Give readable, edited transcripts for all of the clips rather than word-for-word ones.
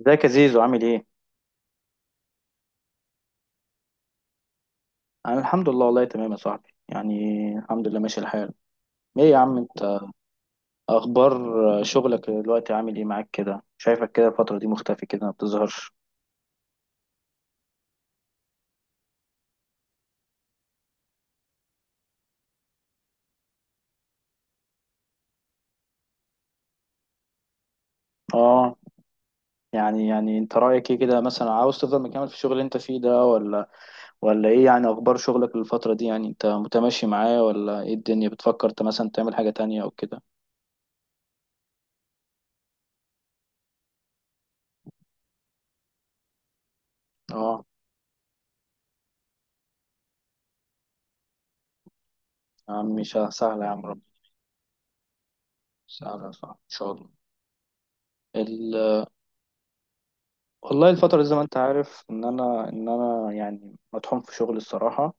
ازيك يا زيزو عامل ايه؟ انا الحمد لله، والله تمام يا صاحبي، يعني الحمد لله ماشي الحال. ايه يا عم انت اخبار شغلك دلوقتي عامل ايه معاك كده؟ شايفك كده الفترة دي مختفي كده ما بتظهرش. اه، يعني انت رأيك ايه كده مثلا، عاوز تفضل مكمل في الشغل اللي انت فيه ده، ولا ايه يعني؟ اخبار شغلك الفترة دي، يعني انت متماشي معاه ولا ايه؟ الدنيا بتفكر انت مثلا تعمل حاجة تانية او كده؟ اه يا عم مش سهلة يا عم ربي، سهلة صح ان شاء الله. والله الفترة دي زي ما انت عارف ان انا يعني مطحون في شغل الصراحة.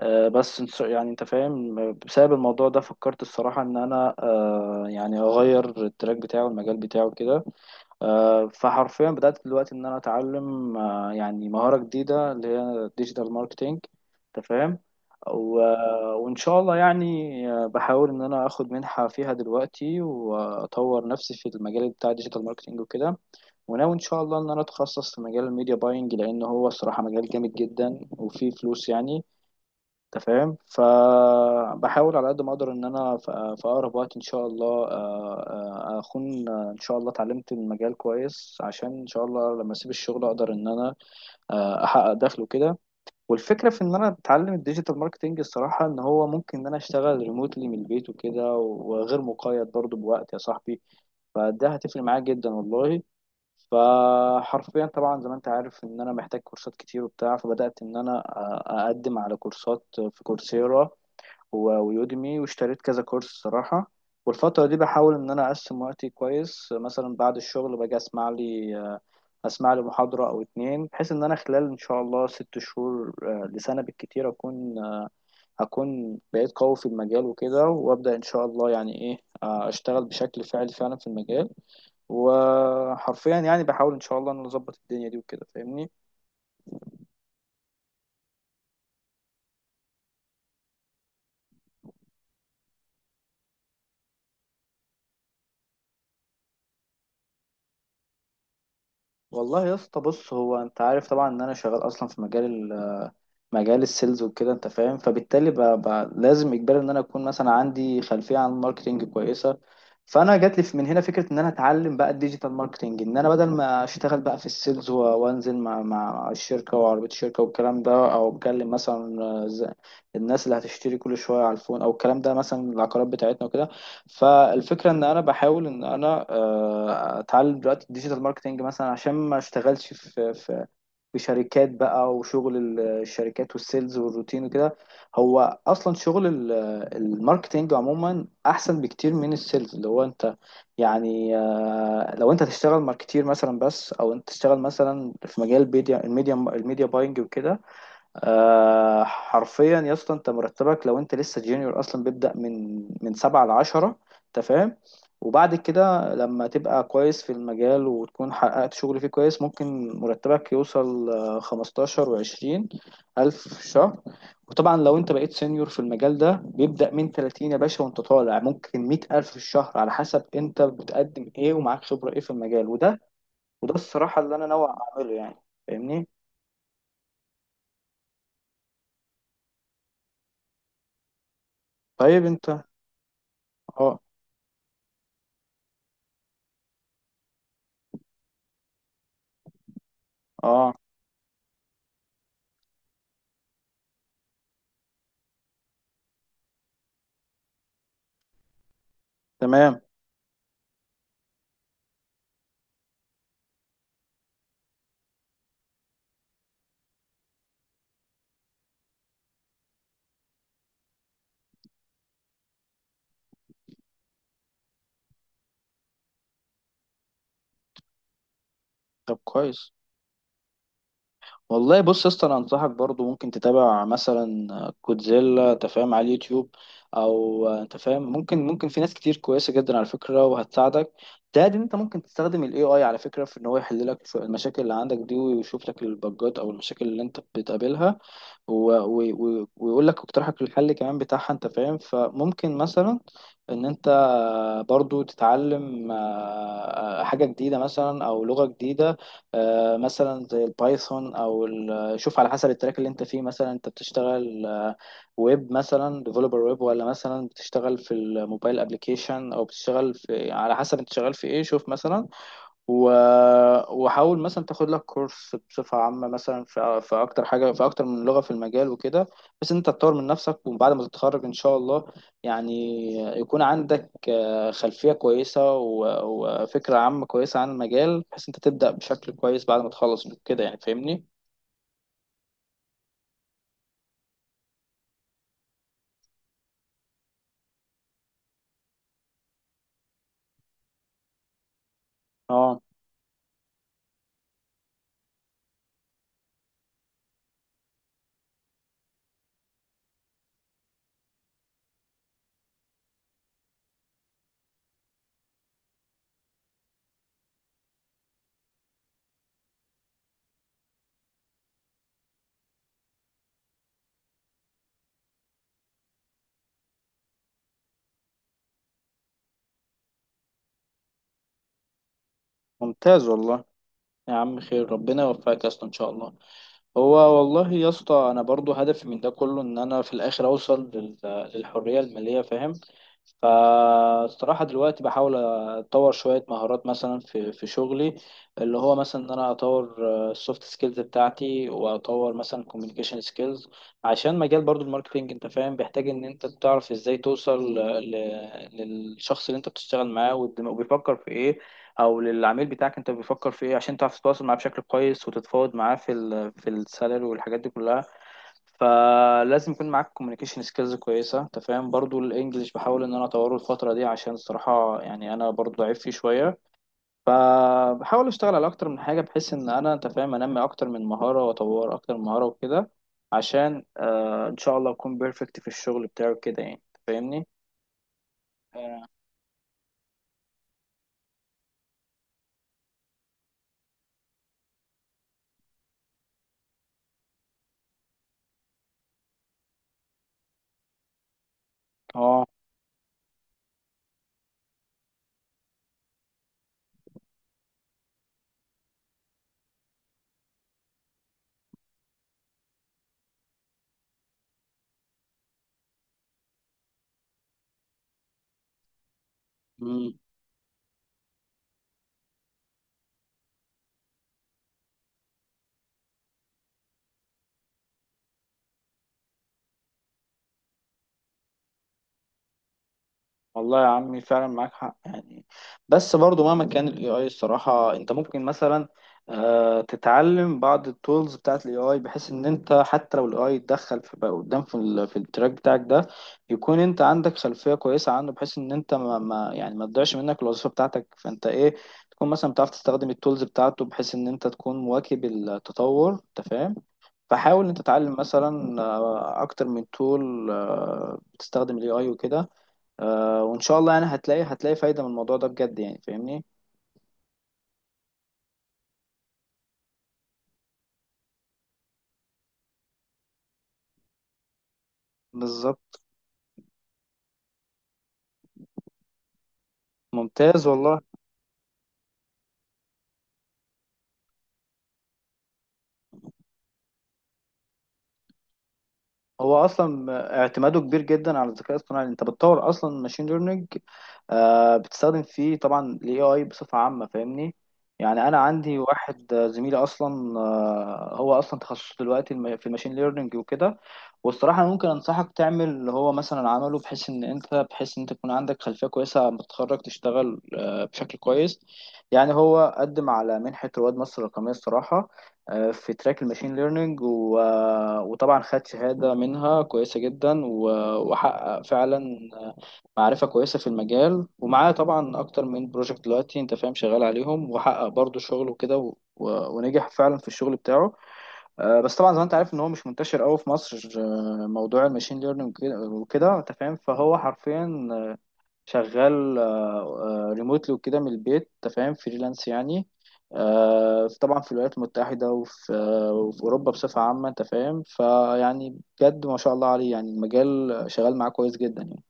أه بس يعني انت فاهم، بسبب الموضوع ده فكرت الصراحة ان انا يعني اغير التراك بتاعه، المجال بتاعه كده. أه فحرفيا بدأت دلوقتي ان انا اتعلم يعني مهارة جديدة اللي هي ديجيتال ماركتينج، انت فاهم. و- وان شاء الله يعني، بحاول ان انا اخد منحة فيها دلوقتي واطور نفسي في المجال بتاع ديجيتال ماركتينج وكده. وناوي ان شاء الله ان انا اتخصص في مجال الميديا باينج، لان هو الصراحه مجال جامد جدا وفيه فلوس يعني، انت فاهم. فبحاول على قد ما اقدر ان انا في اقرب وقت ان شاء الله اكون ان شاء الله اتعلمت المجال كويس، عشان ان شاء الله لما اسيب الشغل اقدر ان انا احقق دخل وكده. والفكره في ان انا اتعلم الديجيتال ماركتنج الصراحه ان هو ممكن ان انا اشتغل ريموتلي من البيت وكده، وغير مقيد برضو بوقت يا صاحبي، فده هتفرق معايا جدا والله. فحرفيا طبعا زي ما انت عارف ان انا محتاج كورسات كتير وبتاع، فبدأت ان انا اقدم على كورسات في كورسيرا ويوديمي، واشتريت كذا كورس صراحة. والفترة دي بحاول ان انا اقسم وقتي كويس، مثلا بعد الشغل باجي اسمع لي محاضرة او اتنين، بحيث ان انا خلال ان شاء الله 6 شهور، لسنة بالكتير اكون بقيت قوي في المجال وكده، وابدأ ان شاء الله يعني ايه، اشتغل بشكل فعلي فعلا في المجال. وحرفيا يعني بحاول ان شاء الله ان أنا اظبط الدنيا دي وكده، فاهمني. والله يا اسطى بص، هو انت عارف طبعا ان انا شغال اصلا في مجال السيلز وكده، انت فاهم، فبالتالي لازم اجباري ان انا اكون مثلا عندي خلفيه عن الماركتنج كويسه. فانا جات لي من هنا فكره ان انا اتعلم بقى الديجيتال ماركتنج، ان انا بدل ما اشتغل بقى في السيلز وانزل مع الشركه وعربيه الشركه والكلام ده، او بكلم مثلا الناس اللي هتشتري كل شويه على الفون او الكلام ده، مثلا العقارات بتاعتنا وكده. فالفكره ان انا بحاول ان انا اتعلم دلوقتي الديجيتال ماركتنج مثلا، عشان ما اشتغلش في في شركات بقى وشغل الشركات والسيلز والروتين وكده. هو اصلا شغل الماركتينج عموما احسن بكتير من السيلز، اللي هو انت يعني، لو انت تشتغل ماركتير مثلا بس، او انت تشتغل مثلا في مجال الميديا باينج وكده، آه حرفيا يا اسطى انت مرتبك لو انت لسه جونيور اصلا بيبدأ من 7 ل10، انت فاهم. وبعد كده لما تبقى كويس في المجال وتكون حققت شغل فيه كويس، ممكن مرتبك يوصل 15 و20 ألف في الشهر. وطبعا لو انت بقيت سينيور في المجال ده بيبدأ من 30 يا باشا، وانت طالع ممكن 100 ألف في الشهر، على حسب انت بتقدم ايه ومعاك خبرة ايه في المجال وده. وده الصراحة اللي انا ناوي اعمله يعني، فاهمني. طيب انت، اه اه تمام، طب كويس. والله بص يا اسطى انا انصحك برضو ممكن تتابع مثلا كودزيلا، انت فاهم، على اليوتيوب، او انت فاهم ممكن في ناس كتير كويسه جدا على فكره وهتساعدك. ده ان انت ممكن تستخدم الاي اي على فكره، في ان هو يحل لك المشاكل اللي عندك دي، ويشوف لك البجات او المشاكل اللي انت بتقابلها، ويقول لك اقتراحك للحل كمان بتاعها، انت فاهم. فممكن مثلا ان انت برضو تتعلم حاجة جديدة مثلا، او لغة جديدة مثلا زي البايثون، او شوف على حسب التراك اللي انت فيه، مثلا انت بتشتغل ويب مثلا، ديفلوبر ويب، ولا مثلا بتشتغل في الموبايل ابليكيشن، او بتشتغل في، على حسب انت شغال في ايه، شوف مثلا و... وحاول مثلا تاخد لك كورس بصفة عامة مثلا في أكتر حاجة، في أكتر من لغة في المجال وكده، بس أنت تطور من نفسك. وبعد ما تتخرج إن شاء الله يعني يكون عندك خلفية كويسة وفكرة عامة كويسة عن المجال، بحيث أنت تبدأ بشكل كويس بعد ما تخلص كده يعني، فاهمني؟ أه ممتاز والله يا عم، خير ربنا يوفقك أصلا إن شاء الله. هو والله يا اسطى انا برضو هدفي من ده كله ان انا في الاخر اوصل للحريه الماليه، فاهم. فالصراحه دلوقتي بحاول اطور شويه مهارات مثلا في شغلي، اللي هو مثلا ان انا اطور السوفت سكيلز بتاعتي، واطور مثلا كوميونيكيشن سكيلز، عشان مجال برضو الماركتينج انت فاهم بيحتاج ان انت تعرف ازاي توصل للشخص اللي انت بتشتغل معاه وبيفكر في ايه، او للعميل بتاعك انت بيفكر في ايه، عشان تعرف تتواصل معاه بشكل كويس وتتفاوض معاه في في السالري والحاجات دي كلها. فلازم يكون معاك كوميونيكيشن سكيلز كويسه، انت فاهم. برضو الانجليش بحاول ان انا اطوره الفتره دي، عشان الصراحه يعني انا برضو ضعيف فيه شويه. فبحاول اشتغل على اكتر من حاجه، بحيث ان انا انت فاهم انمي اكتر من مهاره واطور اكتر من مهاره وكده، عشان آه ان شاء الله اكون بيرفكت في الشغل بتاعي كده يعني، أنت فاهمني. اه آه. والله يا عمي فعلا معاك حق يعني، بس برضو مهما كان الاي اي الصراحة، انت ممكن مثلا تتعلم بعض التولز بتاعت الاي اي، بحيث ان انت حتى لو الاي اي اتدخل في بقى قدام في التراك بتاعك ده، يكون انت عندك خلفية كويسة عنه، بحيث ان انت ما يعني ما تضيعش منك الوظيفة بتاعتك، فانت ايه، تكون مثلا بتعرف تستخدم التولز بتاعته، بحيث ان انت تكون مواكب التطور، انت فاهم. فحاول انت تتعلم مثلا اكتر من تول بتستخدم الاي اي وكده، آه وان شاء الله يعني هتلاقي فايدة من الموضوع ده بجد يعني، فاهمني. بالظبط ممتاز والله، هو اصلا اعتماده كبير جدا على الذكاء الاصطناعي، انت بتطور اصلا ماشين ليرنينج آه بتستخدم فيه طبعا الاي اي بصفه عامه، فاهمني. يعني انا عندي واحد زميلي اصلا آه هو اصلا تخصصه دلوقتي في الماشين ليرنينج وكده. والصراحه أنا ممكن انصحك تعمل اللي هو مثلا عمله، بحيث ان انت تكون عندك خلفيه كويسه لما تتخرج تشتغل آه بشكل كويس. يعني هو قدم على منحه رواد مصر الرقميه الصراحه، في تراك الماشين ليرنينج وطبعا خد شهادة منها كويسة جدا وحقق فعلا معرفة كويسة في المجال، ومعاه طبعا أكتر من بروجكت دلوقتي أنت فاهم شغال عليهم، وحقق برضه شغل وكده ونجح فعلا في الشغل بتاعه. بس طبعا زي ما أنت عارف إن هو مش منتشر أوي في مصر موضوع الماشين ليرنينج وكده وكده، أنت فاهم. فهو حرفيا شغال ريموتلي وكده من البيت، انت فاهم، فريلانس يعني. طبعا في الولايات المتحدة وفي وفي أوروبا بصفة عامة، انت فاهم، فيعني بجد ما شاء الله عليه يعني، المجال شغال معاه كويس جدا يعني.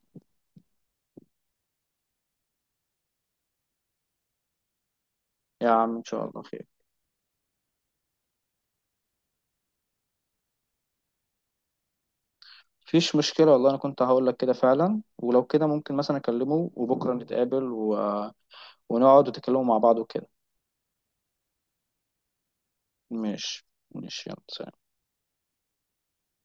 يا عم إن شاء الله خير. مفيش مشكلة والله، أنا كنت هقول لك كده فعلا، ولو كده ممكن مثلا أكلمه وبكرة نتقابل و... آه، ونقعد وتكلموا مع بعض وكده. ماشي ماشي، يلا سلام.